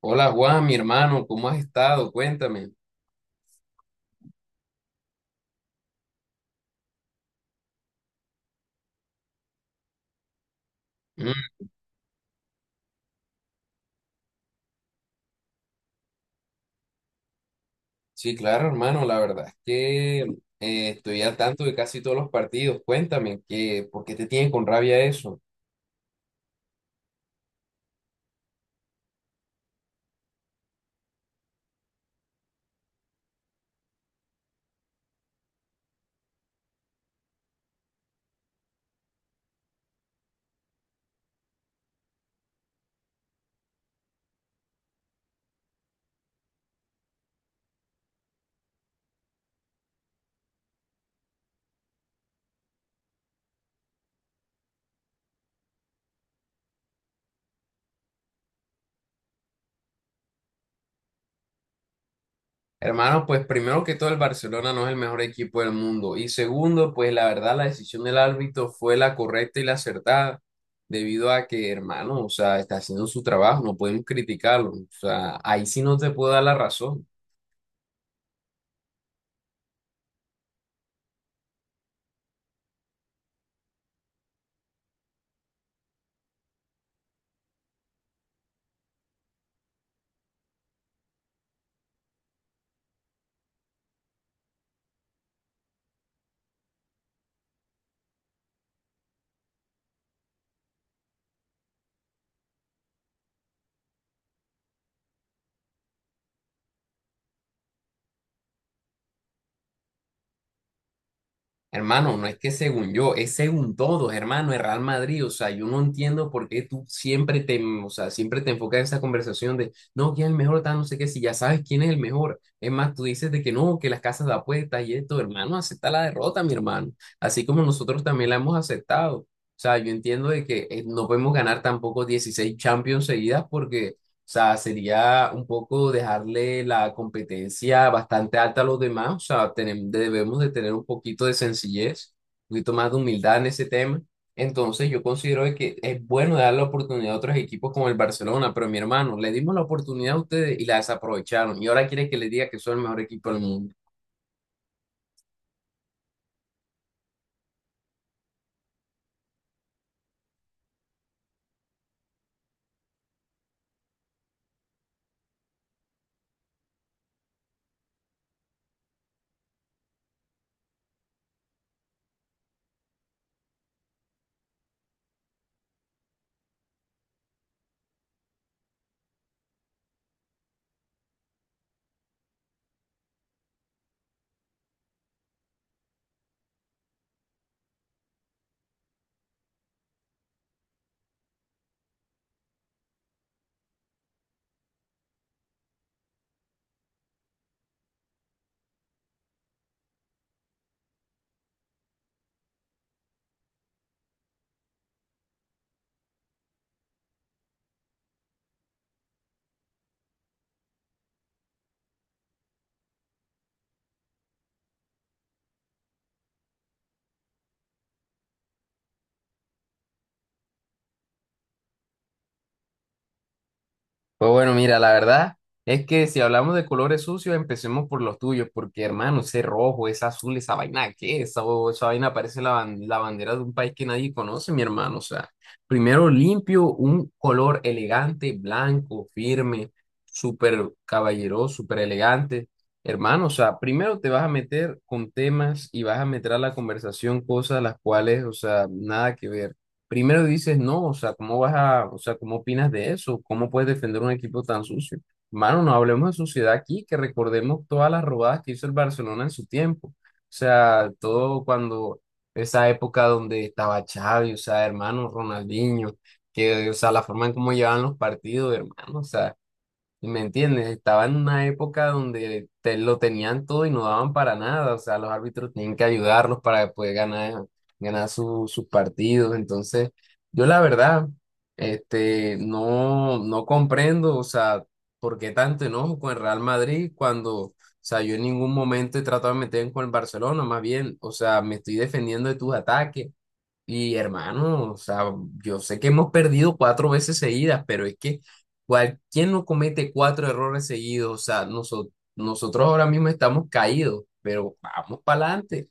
Hola Juan, mi hermano, ¿cómo has estado? Cuéntame. Mm, sí, claro, hermano, la verdad es que estoy al tanto de casi todos los partidos. Cuéntame, ¿qué, por qué te tienen con rabia eso? Hermano, pues primero que todo el Barcelona no es el mejor equipo del mundo. Y segundo, pues la verdad la decisión del árbitro fue la correcta y la acertada, debido a que, hermano, o sea, está haciendo su trabajo, no podemos criticarlo. O sea, ahí sí no te puedo dar la razón. Hermano, no es que según yo, es según todos, hermano, el Real Madrid. O sea, yo no entiendo por qué tú siempre te, o sea, siempre te enfocas en esa conversación de, no, quién es el mejor, tal, no sé qué, si ya sabes quién es el mejor. Es más, tú dices de que no, que las casas de apuestas y esto, hermano, acepta la derrota, mi hermano. Así como nosotros también la hemos aceptado. O sea, yo entiendo de que no podemos ganar tampoco 16 Champions seguidas porque o sea, sería un poco dejarle la competencia bastante alta a los demás. O sea, debemos de tener un poquito de sencillez, un poquito más de humildad en ese tema. Entonces, yo considero de que es bueno dar la oportunidad a otros equipos como el Barcelona, pero mi hermano, le dimos la oportunidad a ustedes y la desaprovecharon. Y ahora quiere que le diga que son el mejor equipo del mundo. Pues bueno, mira, la verdad es que si hablamos de colores sucios, empecemos por los tuyos, porque hermano, ese rojo, ese azul, esa vaina, ¿qué es? Esa vaina parece la bandera de un país que nadie conoce, mi hermano. O sea, primero limpio, un color elegante, blanco, firme, súper caballeroso, súper elegante. Hermano, o sea, primero te vas a meter con temas y vas a meter a la conversación cosas las cuales, o sea, nada que ver. Primero dices, no, o sea, ¿cómo vas a, o sea, cómo opinas de eso? ¿Cómo puedes defender un equipo tan sucio? Mano, no hablemos de suciedad aquí, que recordemos todas las robadas que hizo el Barcelona en su tiempo. O sea, todo cuando esa época donde estaba Xavi, o sea, hermano Ronaldinho, que, o sea, la forma en cómo llevaban los partidos, hermano, o sea. ¿Me entiendes? Estaba en una época donde te lo tenían todo y no daban para nada. O sea, los árbitros tenían que ayudarlos para poder ganar sus partidos. Entonces, yo la verdad, este, no, no comprendo, o sea, por qué tanto enojo con el Real Madrid cuando, o sea, yo en ningún momento he tratado de meterme con el Barcelona, más bien, o sea, me estoy defendiendo de tus ataques. Y hermano, o sea, yo sé que hemos perdido cuatro veces seguidas, pero es que cual, ¿quién no comete cuatro errores seguidos? O sea, nosotros ahora mismo estamos caídos, pero vamos para adelante.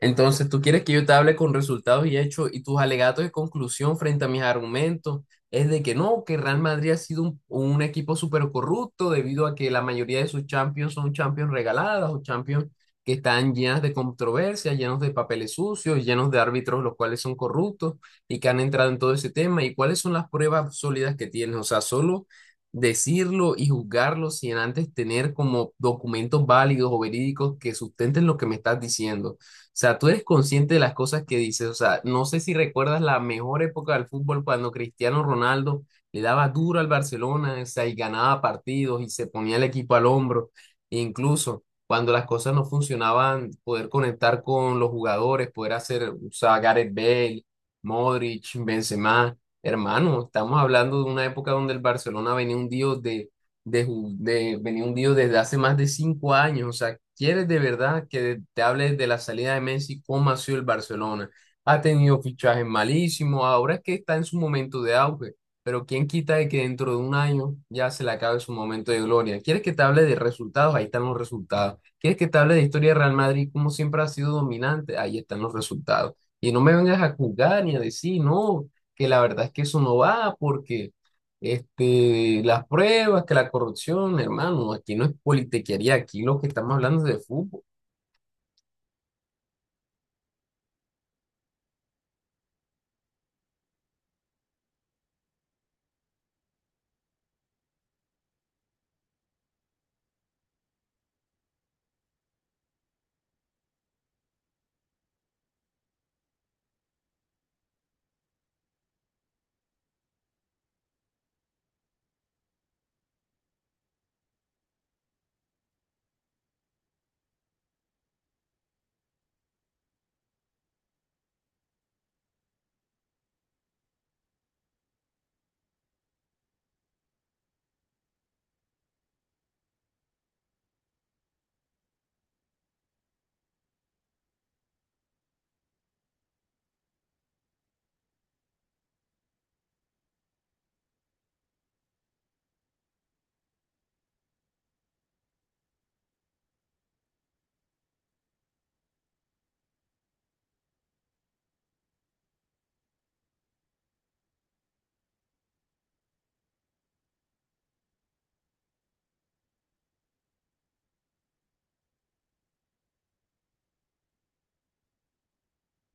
Entonces, tú quieres que yo te hable con resultados y hechos y tus alegatos de conclusión frente a mis argumentos es de que no, que Real Madrid ha sido un equipo súper corrupto debido a que la mayoría de sus champions son champions regaladas o champions que están llenas de controversias, llenos de papeles sucios, llenos de árbitros los cuales son corruptos y que han entrado en todo ese tema. ¿Y cuáles son las pruebas sólidas que tienes? O sea, solo decirlo y juzgarlo sin antes tener como documentos válidos o verídicos que sustenten lo que me estás diciendo sea, tú eres consciente de las cosas que dices. O sea, no sé si recuerdas la mejor época del fútbol cuando Cristiano Ronaldo le daba duro al Barcelona, o sea, y ganaba partidos y se ponía el equipo al hombro. E incluso cuando las cosas no funcionaban, poder conectar con los jugadores, poder hacer, o sea, Gareth Bale, Modric, Benzema. Hermano, estamos hablando de una época donde el Barcelona venía hundido de de venir hundido desde hace más de cinco años. O sea, ¿quieres de verdad que te hables de la salida de Messi? ¿Cómo ha sido el Barcelona? Ha tenido fichajes malísimos, ahora es que está en su momento de auge, pero ¿quién quita de que dentro de un año ya se le acabe su momento de gloria? ¿Quieres que te hable de resultados? Ahí están los resultados. ¿Quieres que te hable de historia de Real Madrid? Como siempre ha sido dominante, ahí están los resultados. Y no me vengas a juzgar ni a decir, no, que la verdad es que eso no va porque... Este, las pruebas, que la corrupción, hermano, aquí no es politiquería, aquí lo que estamos hablando es de fútbol.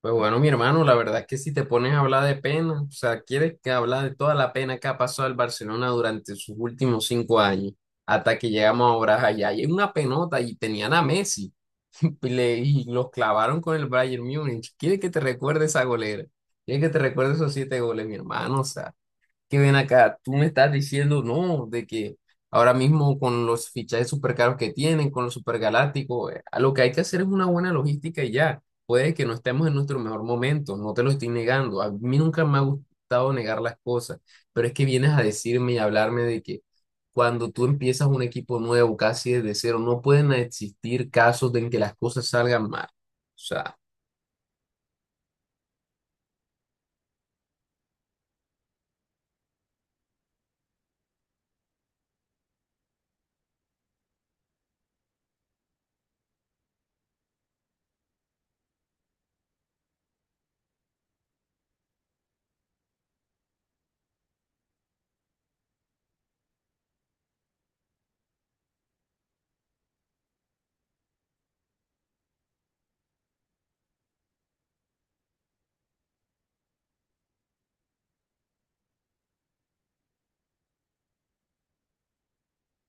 Pues bueno, mi hermano, la verdad es que si te pones a hablar de pena, o sea, quieres que hablar de toda la pena que ha pasado el Barcelona durante sus últimos cinco años, hasta que llegamos ahora allá, y es una penota y tenían a Messi y los clavaron con el Bayern Múnich. ¿Quieres que te recuerde esa golera? ¿Quieres que te recuerde esos siete goles, mi hermano? O sea, que ven acá, tú me estás diciendo, no, de que ahora mismo con los fichajes super caros que tienen, con los supergalácticos, a lo que hay que hacer es una buena logística y ya. Puede que no estemos en nuestro mejor momento, no te lo estoy negando. A mí nunca me ha gustado negar las cosas, pero es que vienes a decirme y hablarme de que cuando tú empiezas un equipo nuevo, casi desde cero, no pueden existir casos en que las cosas salgan mal. O sea,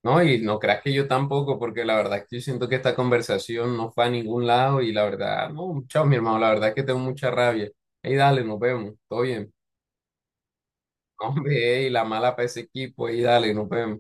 no, y no creas que yo tampoco, porque la verdad es que yo siento que esta conversación no fue a ningún lado y la verdad, no, chao, mi hermano, la verdad es que tengo mucha rabia. Ey, dale, nos vemos, todo bien. No, hombre, ey, la mala para ese equipo, ey, dale, nos vemos.